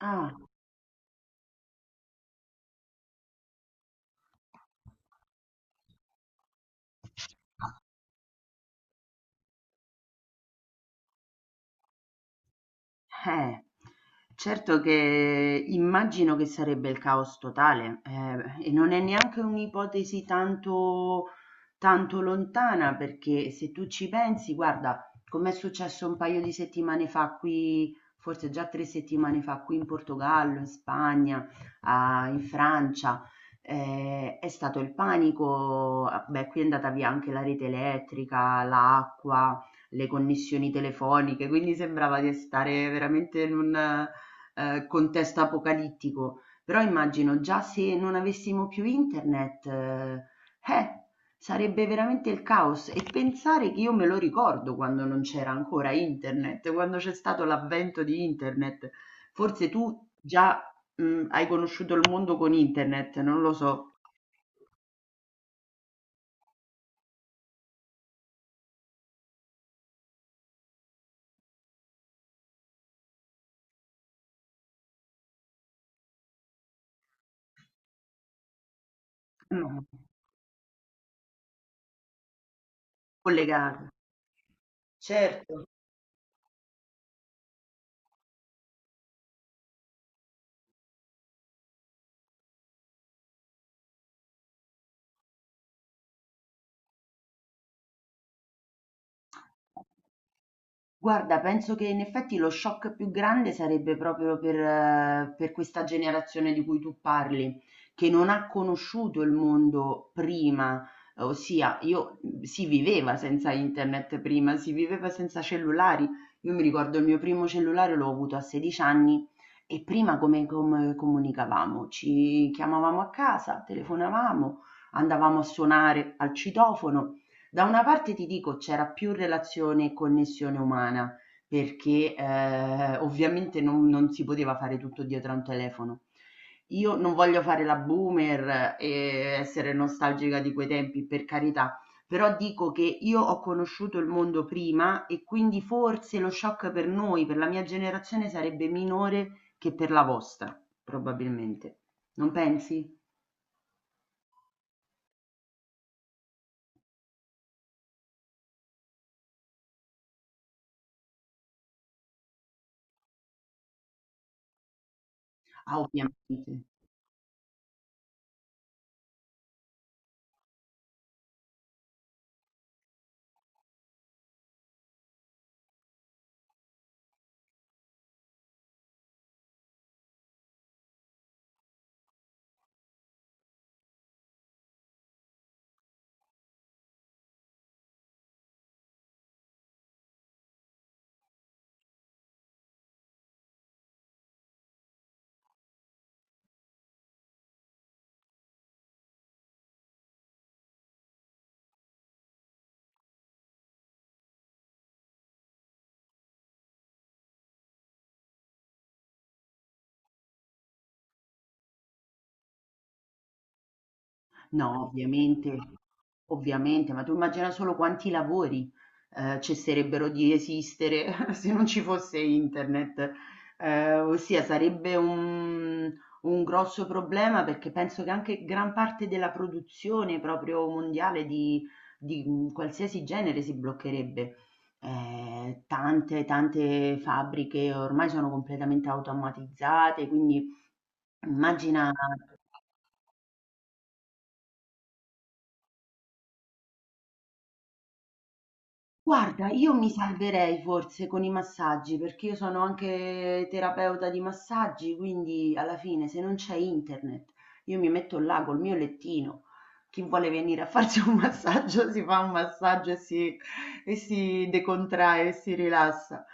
Ah, eh. Certo che immagino che sarebbe il caos totale, e non è neanche un'ipotesi tanto lontana, perché se tu ci pensi, guarda, com'è successo un paio di settimane fa qui, forse già tre settimane fa, qui in Portogallo, in Spagna, in Francia, è stato il panico, ah, beh, qui è andata via anche la rete elettrica, l'acqua, le connessioni telefoniche, quindi sembrava di stare veramente in un contesto apocalittico, però immagino già se non avessimo più internet, eh, sarebbe veramente il caos. E pensare che io me lo ricordo quando non c'era ancora internet, quando c'è stato l'avvento di internet, forse tu già hai conosciuto il mondo con internet, non lo so. Mm, collegato. Certo. Guarda, penso che in effetti lo shock più grande sarebbe proprio per questa generazione di cui tu parli, che non ha conosciuto il mondo prima, ossia io si viveva senza internet prima, si viveva senza cellulari. Io mi ricordo il mio primo cellulare l'ho avuto a 16 anni e prima come, come comunicavamo? Ci chiamavamo a casa, telefonavamo, andavamo a suonare al citofono. Da una parte ti dico c'era più relazione e connessione umana, perché, ovviamente non si poteva fare tutto dietro a un telefono. Io non voglio fare la boomer e essere nostalgica di quei tempi, per carità, però dico che io ho conosciuto il mondo prima e quindi forse lo shock per noi, per la mia generazione sarebbe minore che per la vostra, probabilmente. Non pensi? Ah, ovviamente. No, ovviamente, ovviamente, ma tu immagina solo quanti lavori cesserebbero di esistere se non ci fosse internet. Ossia, sarebbe un grosso problema perché penso che anche gran parte della produzione proprio mondiale di qualsiasi genere si bloccherebbe. Tante fabbriche ormai sono completamente automatizzate, quindi immagina. Guarda, io mi salverei forse con i massaggi, perché io sono anche terapeuta di massaggi, quindi alla fine se non c'è internet, io mi metto là col mio lettino. Chi vuole venire a farsi un massaggio si fa un massaggio e e si decontrae e si rilassa.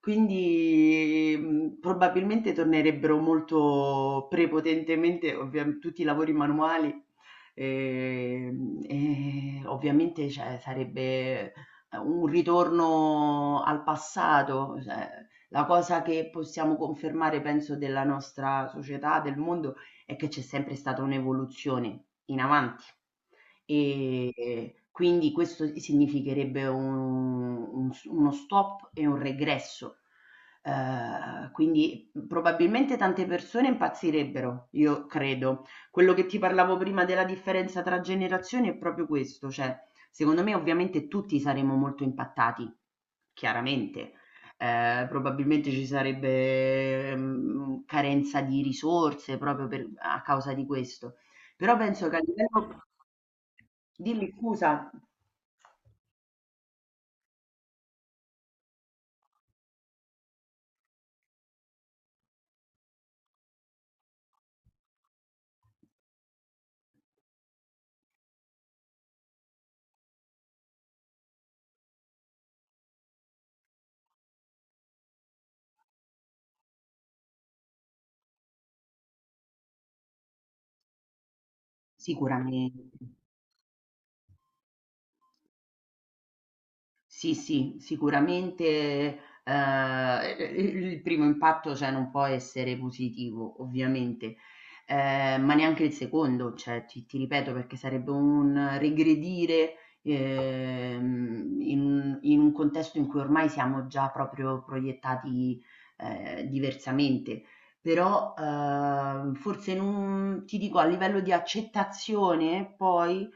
Quindi probabilmente tornerebbero molto prepotentemente, ovviamente, tutti i lavori manuali. E, e ovviamente cioè, sarebbe un ritorno al passato, cioè, la cosa che possiamo confermare, penso, della nostra società, del mondo, è che c'è sempre stata un'evoluzione in avanti. E quindi questo significherebbe uno stop e un regresso. Quindi probabilmente tante persone impazzirebbero, io credo. Quello che ti parlavo prima della differenza tra generazioni è proprio questo, cioè secondo me ovviamente tutti saremmo molto impattati, chiaramente. Probabilmente ci sarebbe, carenza di risorse proprio per a causa di questo. Però penso che a livello dimmi scusa. Sicuramente. Sì, sì, sicuramente, il primo impatto, cioè, non può essere positivo, ovviamente, ma neanche il secondo, cioè, ti ripeto, perché sarebbe un regredire, in un contesto in cui ormai siamo già proprio proiettati, diversamente. Però, forse non ti dico, a livello di accettazione poi,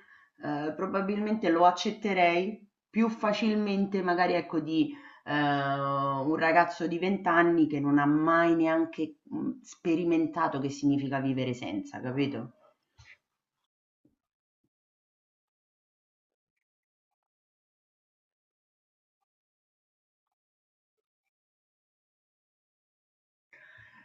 probabilmente lo accetterei più facilmente, magari ecco, di un ragazzo di 20 anni che non ha mai neanche sperimentato che significa vivere senza, capito?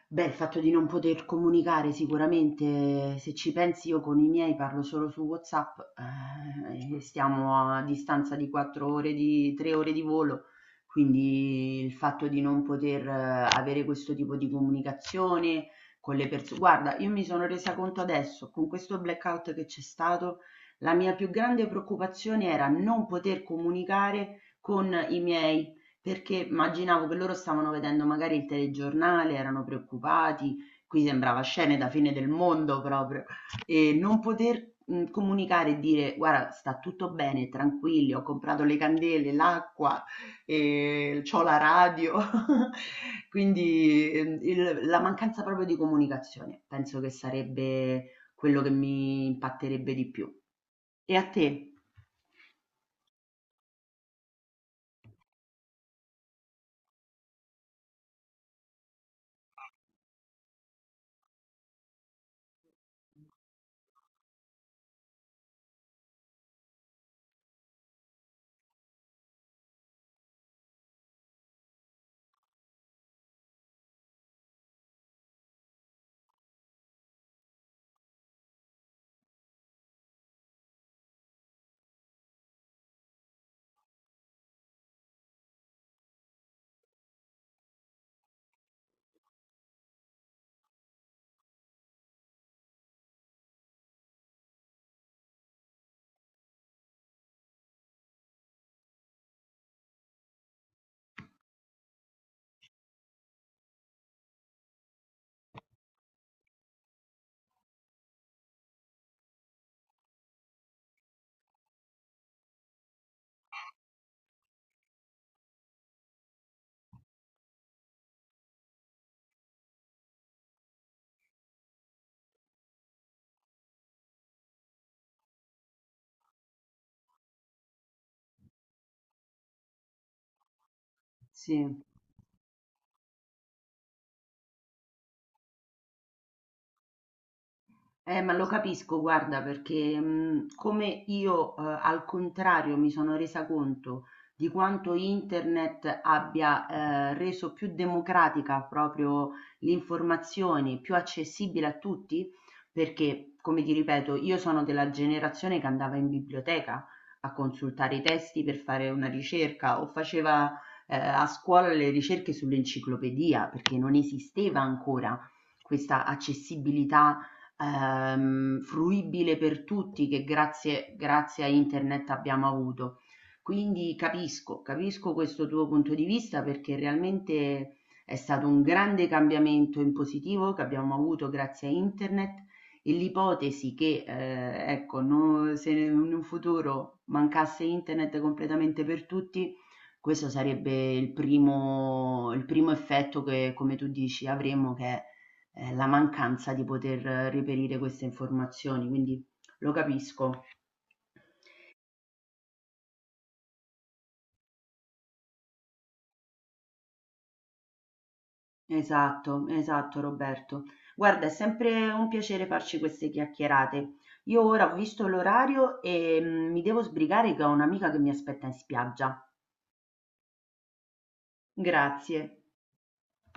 Beh, il fatto di non poter comunicare sicuramente, se ci pensi io con i miei parlo solo su WhatsApp, e stiamo a distanza di 4 ore di 3 ore di volo, quindi il fatto di non poter avere questo tipo di comunicazione con le persone. Guarda, io mi sono resa conto adesso, con questo blackout che c'è stato, la mia più grande preoccupazione era non poter comunicare con i miei perché immaginavo che loro stavano vedendo magari il telegiornale, erano preoccupati, qui sembrava scene da fine del mondo proprio, e non poter comunicare e dire guarda, sta tutto bene, tranquilli, ho comprato le candele, l'acqua, e c'ho la radio. Quindi la mancanza proprio di comunicazione, penso che sarebbe quello che mi impatterebbe di più. E a te? Sì. Ma lo capisco, guarda, perché come io al contrario mi sono resa conto di quanto internet abbia reso più democratica proprio l'informazione, più accessibile a tutti, perché, come ti ripeto, io sono della generazione che andava in biblioteca a consultare i testi per fare una ricerca o faceva a scuola le ricerche sull'enciclopedia, perché non esisteva ancora questa accessibilità fruibile per tutti che grazie a internet abbiamo avuto. Quindi capisco, capisco questo tuo punto di vista perché realmente è stato un grande cambiamento in positivo che abbiamo avuto grazie a internet e l'ipotesi che, ecco, se in un futuro mancasse internet completamente per tutti, questo sarebbe il primo effetto che, come tu dici, avremo che è la mancanza di poter reperire queste informazioni, quindi lo capisco. Esatto, esatto Roberto. Guarda, è sempre un piacere farci queste chiacchierate. Io ora ho visto l'orario e mi devo sbrigare che ho un'amica che mi aspetta in spiaggia. Grazie.